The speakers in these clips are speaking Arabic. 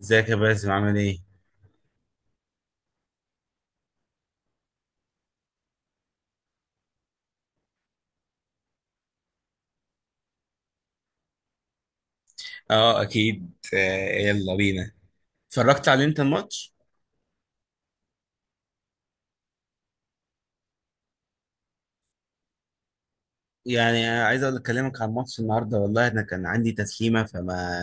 ازيك يا باسم عامل ايه؟ اه اكيد آه، يلا بينا. اتفرجت على انت الماتش؟ يعني عايز اقول اكلمك عن الماتش النهارده. والله انا كان عندي تسليمه فما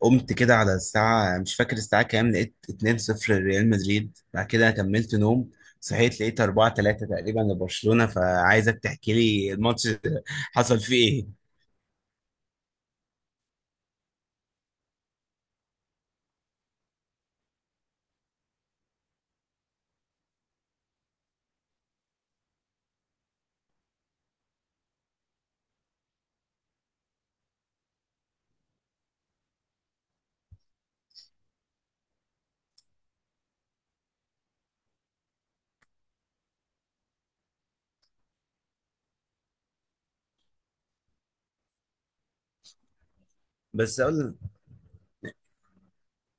قمت كده على الساعه، مش فاكر الساعه كام، لقيت 2-0 لريال مدريد، بعد كده كملت نوم. صحيت لقيت 4-3 تقريبا لبرشلونه، فعايزك تحكي لي الماتش. حصل فيه ايه؟ بس اقول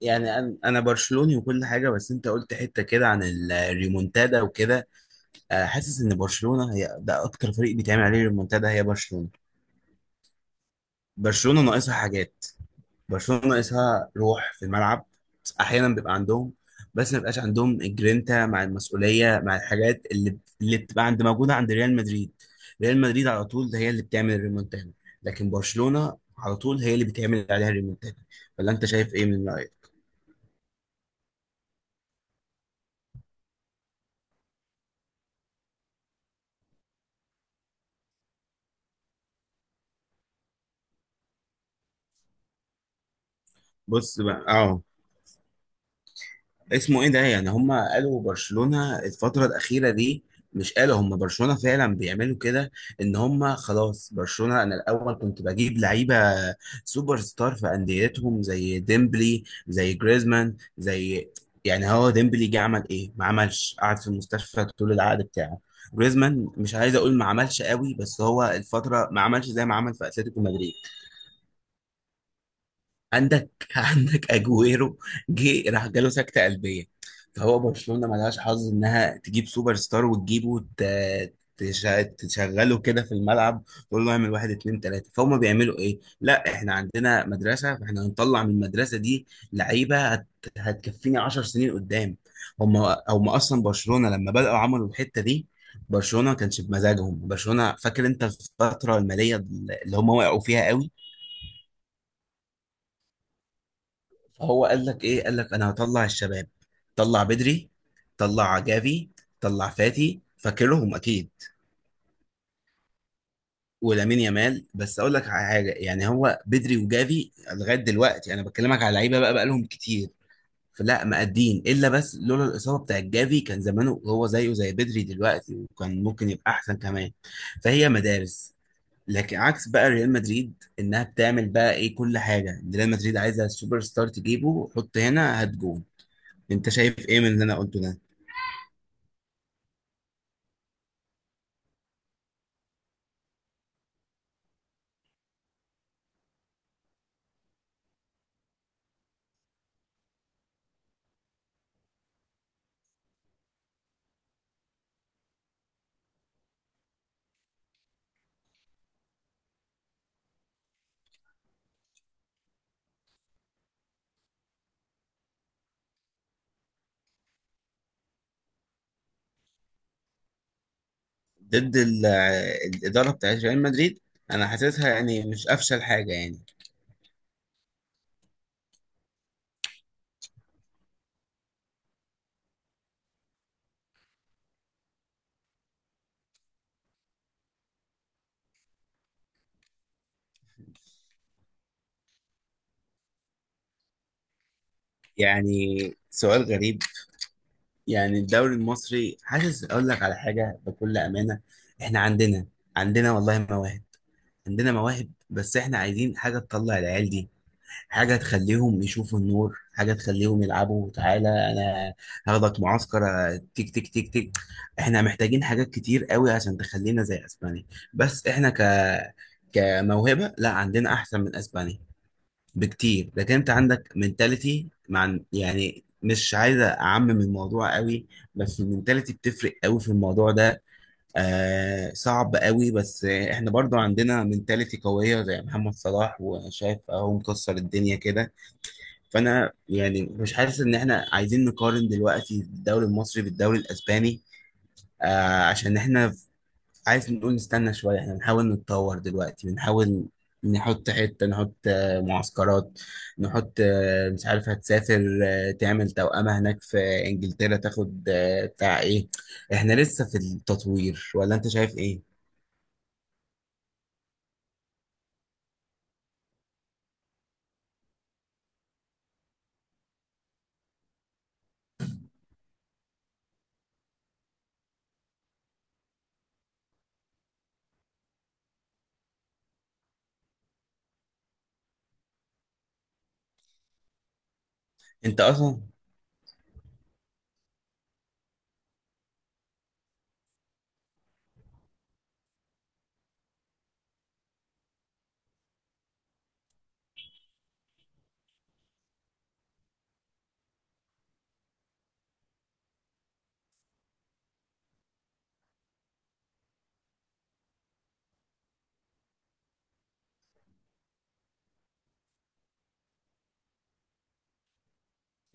يعني انا برشلوني وكل حاجه، بس انت قلت حته كده عن الريمونتادا وكده. حاسس ان برشلونه هي ده اكتر فريق بيتعمل عليه ريمونتادا، هي برشلونه. برشلونه ناقصها حاجات، برشلونه ناقصها روح في الملعب. بس احيانا بيبقى عندهم، بس ما بيبقاش عندهم الجرينتا مع المسؤوليه مع الحاجات اللي بتبقى عند موجوده عند ريال مدريد. ريال مدريد على طول هي اللي بتعمل الريمونتادا، لكن برشلونه على طول هي اللي بتعمل عليها الريمونتادا. ولا انت شايف ايه، من رايك؟ بص بقى اه، اسمه ايه ده، يعني هم قالوا برشلونة الفترة الأخيرة دي، مش قالوا هم برشلونة فعلا بيعملوا كده؟ ان هم خلاص برشلونة انا الاول كنت بجيب لعيبة سوبر ستار في أنديتهم زي ديمبلي، زي جريزمان، زي يعني هو ديمبلي جه عمل ايه؟ ما عملش، قعد في المستشفى طول العقد بتاعه. جريزمان مش عايز اقول ما عملش قوي، بس هو الفترة ما عملش زي ما عمل في اتلتيكو مدريد. عندك اجويرو، جه راح جاله سكته قلبيه. فهو برشلونه ملهاش حظ انها تجيب سوبر ستار وتجيبه وت- تش- تشغله كده في الملعب، تقول له اعمل واحد اتنين تلاته. فهم بيعملوا ايه؟ لا احنا عندنا مدرسه، فاحنا هنطلع من المدرسه دي لعيبه هتكفيني 10 سنين قدام. هم هم اصلا برشلونه لما بداوا عملوا الحته دي، برشلونه ما كانش بمزاجهم برشلونه، فاكر انت الفتره الماليه اللي هم وقعوا فيها قوي؟ هو قال لك ايه؟ قال لك انا هطلع الشباب. طلع بدري، طلع جافي، طلع فاتي، فاكرهم اكيد. ولامين يامال بس اقول لك على حاجه، يعني هو بدري وجافي لغايه دلوقتي انا بكلمك على لعيبه بقى بقالهم كتير، فلا مقدين الا بس. لولا الاصابه بتاعت جافي كان زمانه هو زيه زي بدري دلوقتي، وكان ممكن يبقى احسن كمان. فهي مدارس. لكن عكس بقى ريال مدريد، انها بتعمل بقى ايه، كل حاجه ريال مدريد عايزه السوبر ستار تجيبه، حط هنا هات جون. انت شايف ايه من اللي انا قلته ده؟ ضد ال- الاداره بتاعت ريال مدريد انا حاسسها يعني مش افشل حاجه يعني. يعني سؤال غريب. يعني الدوري المصري، حاسس اقول لك على حاجه بكل امانه، احنا عندنا والله مواهب، عندنا مواهب. بس احنا عايزين حاجه تطلع العيال دي، حاجة تخليهم يشوفوا النور، حاجة تخليهم يلعبوا. تعالى أنا هاخدك معسكر، تيك تيك تيك تيك. إحنا محتاجين حاجات كتير قوي عشان تخلينا زي أسبانيا، بس إحنا كموهبة لا عندنا أحسن من أسبانيا بكتير. لكن أنت عندك منتاليتي مع، يعني مش عايز أعمم الموضوع قوي، بس المنتاليتي بتفرق قوي في الموضوع ده. آه صعب قوي، بس إحنا برضو عندنا منتاليتي قوية زي محمد صلاح، وشايف أهو مكسر الدنيا كده. فانا يعني مش حاسس ان احنا عايزين نقارن دلوقتي الدوري المصري بالدوري الاسباني. آه عشان احنا عايز نقول نستنى شويه، احنا بنحاول نتطور دلوقتي، بنحاول نحط حته، نحط معسكرات، نحط مش عارف، هتسافر تعمل توأمة هناك في انجلترا، تاخد بتاع ايه. احنا لسه في التطوير، ولا انت شايف ايه؟ انت اصلا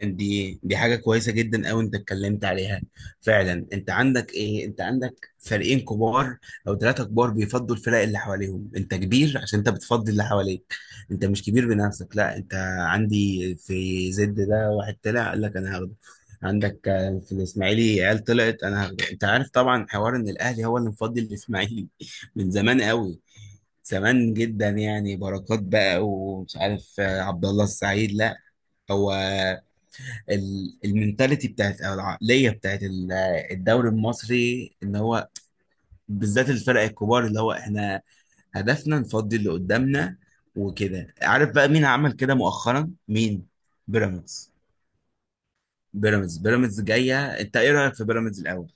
دي حاجة كويسة جدا أوي أنت اتكلمت عليها. فعلا أنت عندك إيه، أنت عندك فريقين كبار أو ثلاثة كبار بيفضوا الفرق اللي حواليهم. أنت كبير عشان أنت بتفضي اللي حواليك، أنت مش كبير بنفسك. لا أنت عندي في زد ده واحد طلع قال لك أنا هاخده، عندك في الإسماعيلي عيال طلعت أنا هاخده. أنت عارف طبعا حوار إن الأهلي هو اللي مفضي الإسماعيلي من زمان أوي، زمان جدا، يعني بركات بقى ومش عارف عبد الله السعيد. لا هو المنتاليتي بتاعت او العقليه بتاعت الدوري المصري ان هو، بالذات الفرق الكبار، اللي هو احنا هدفنا نفضي اللي قدامنا. وكده عارف بقى مين عمل كده مؤخرا؟ مين؟ بيراميدز. بيراميدز جايه. انت ايه رايك في بيراميدز الاول؟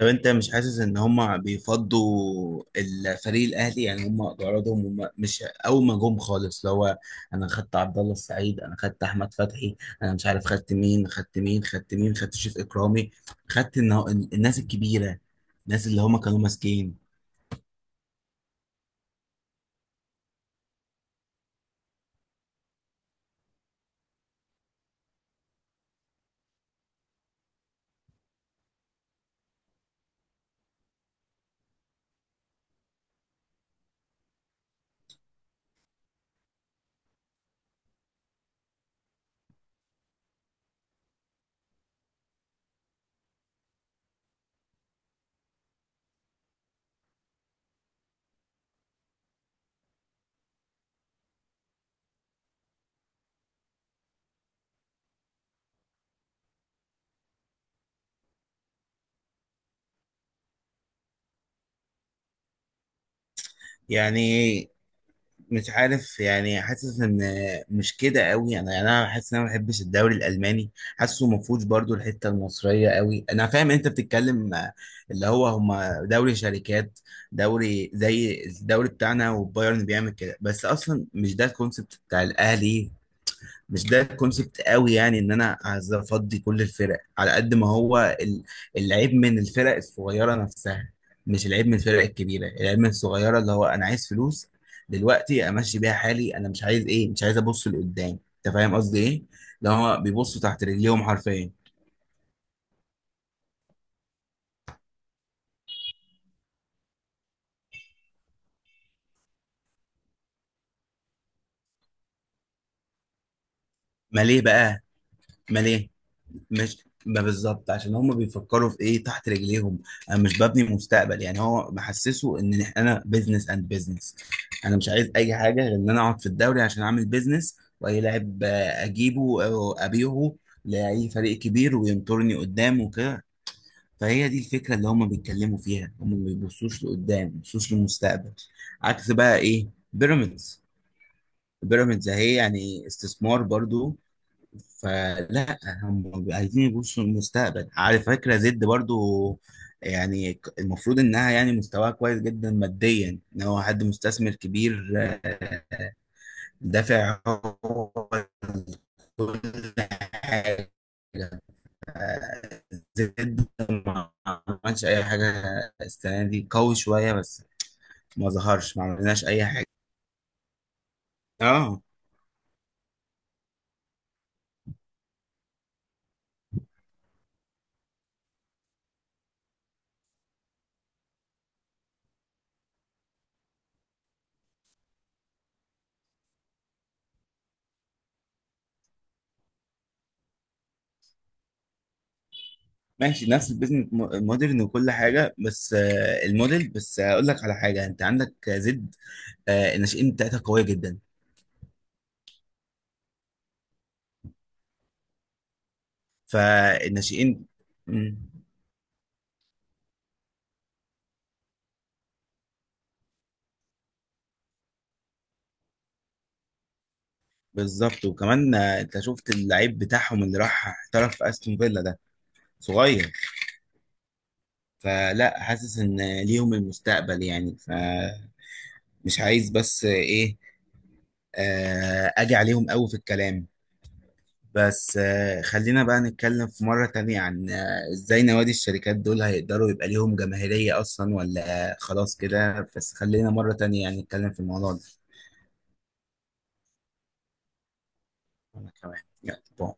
طب انت مش حاسس ان هم بيفضوا الفريق الاهلي يعني؟ هم غرضهم هم مش اول ما جم خالص اللي هو انا خدت عبد الله السعيد، انا خدت احمد فتحي، انا مش عارف خدت مين، خدت مين، خدت مين، خدت شريف اكرامي، خدت النا- الناس الكبيره، الناس اللي هم كانوا ماسكين. يعني مش عارف، يعني حاسس ان مش كده قوي انا، يعني انا حاسس ان انا ما بحبش الدوري الالماني. حاسه ما فيهوش برضو الحته المصريه قوي. انا فاهم انت بتتكلم اللي هو هما دوري شركات، دوري زي الدوري بتاعنا وبايرن بيعمل كده، بس اصلا مش ده الكونسيبت بتاع الاهلي. مش ده كونسبت قوي يعني، ان انا عايز افضي كل الفرق على قد ما هو العيب من الفرق الصغيره نفسها، مش العيب من الفرق الكبيره، العيب من الصغيره اللي هو انا عايز فلوس دلوقتي امشي بيها حالي، انا مش عايز ايه، مش عايز ابص لقدام. انت فاهم قصدي ايه؟ اللي هو بيبصوا تحت رجليهم حرفيا. ما ليه بقى؟ ما ليه؟ مش ما بالظبط عشان هم بيفكروا في ايه، تحت رجليهم. انا مش ببني مستقبل، يعني هو محسسه ان انا بزنس اند بزنس، انا مش عايز اي حاجه غير ان انا اقعد في الدوري عشان اعمل بزنس، واي لاعب اجيبه او ابيعه لاي فريق كبير وينطرني قدام وكده. فهي دي الفكره اللي هم بيتكلموا فيها، هم ما بيبصوش لقدام، ما بيبصوش للمستقبل. عكس بقى ايه بيراميدز، بيراميدز اهي يعني استثمار برضو، فلا هم عايزين يبصوا للمستقبل. على فكرة زد برضو يعني المفروض انها يعني مستواها كويس جدا ماديا، ان هو حد مستثمر كبير دافع حاجة. آه، زد ما عملش اي حاجة السنة دي قوي، شوية بس، ما ظهرش، ما عملناش اي حاجة. اه ماشي نفس البيزنس مودرن وكل حاجة، بس الموديل، بس اقول لك على حاجة، انت عندك زد الناشئين بتاعتها قوية جدا. فالناشئين مم. بالظبط. وكمان انت شفت اللعيب بتاعهم اللي راح احترف في استون فيلا ده صغير. فلا حاسس ان ليهم المستقبل يعني، فمش عايز بس ايه اجي عليهم قوي في الكلام. بس خلينا بقى نتكلم في مرة تانية عن ازاي نوادي الشركات دول هيقدروا يبقى ليهم جماهيرية اصلا، ولا خلاص كده بس. خلينا مرة تانية يعني نتكلم في الموضوع ده. أنا كمان يلا باي.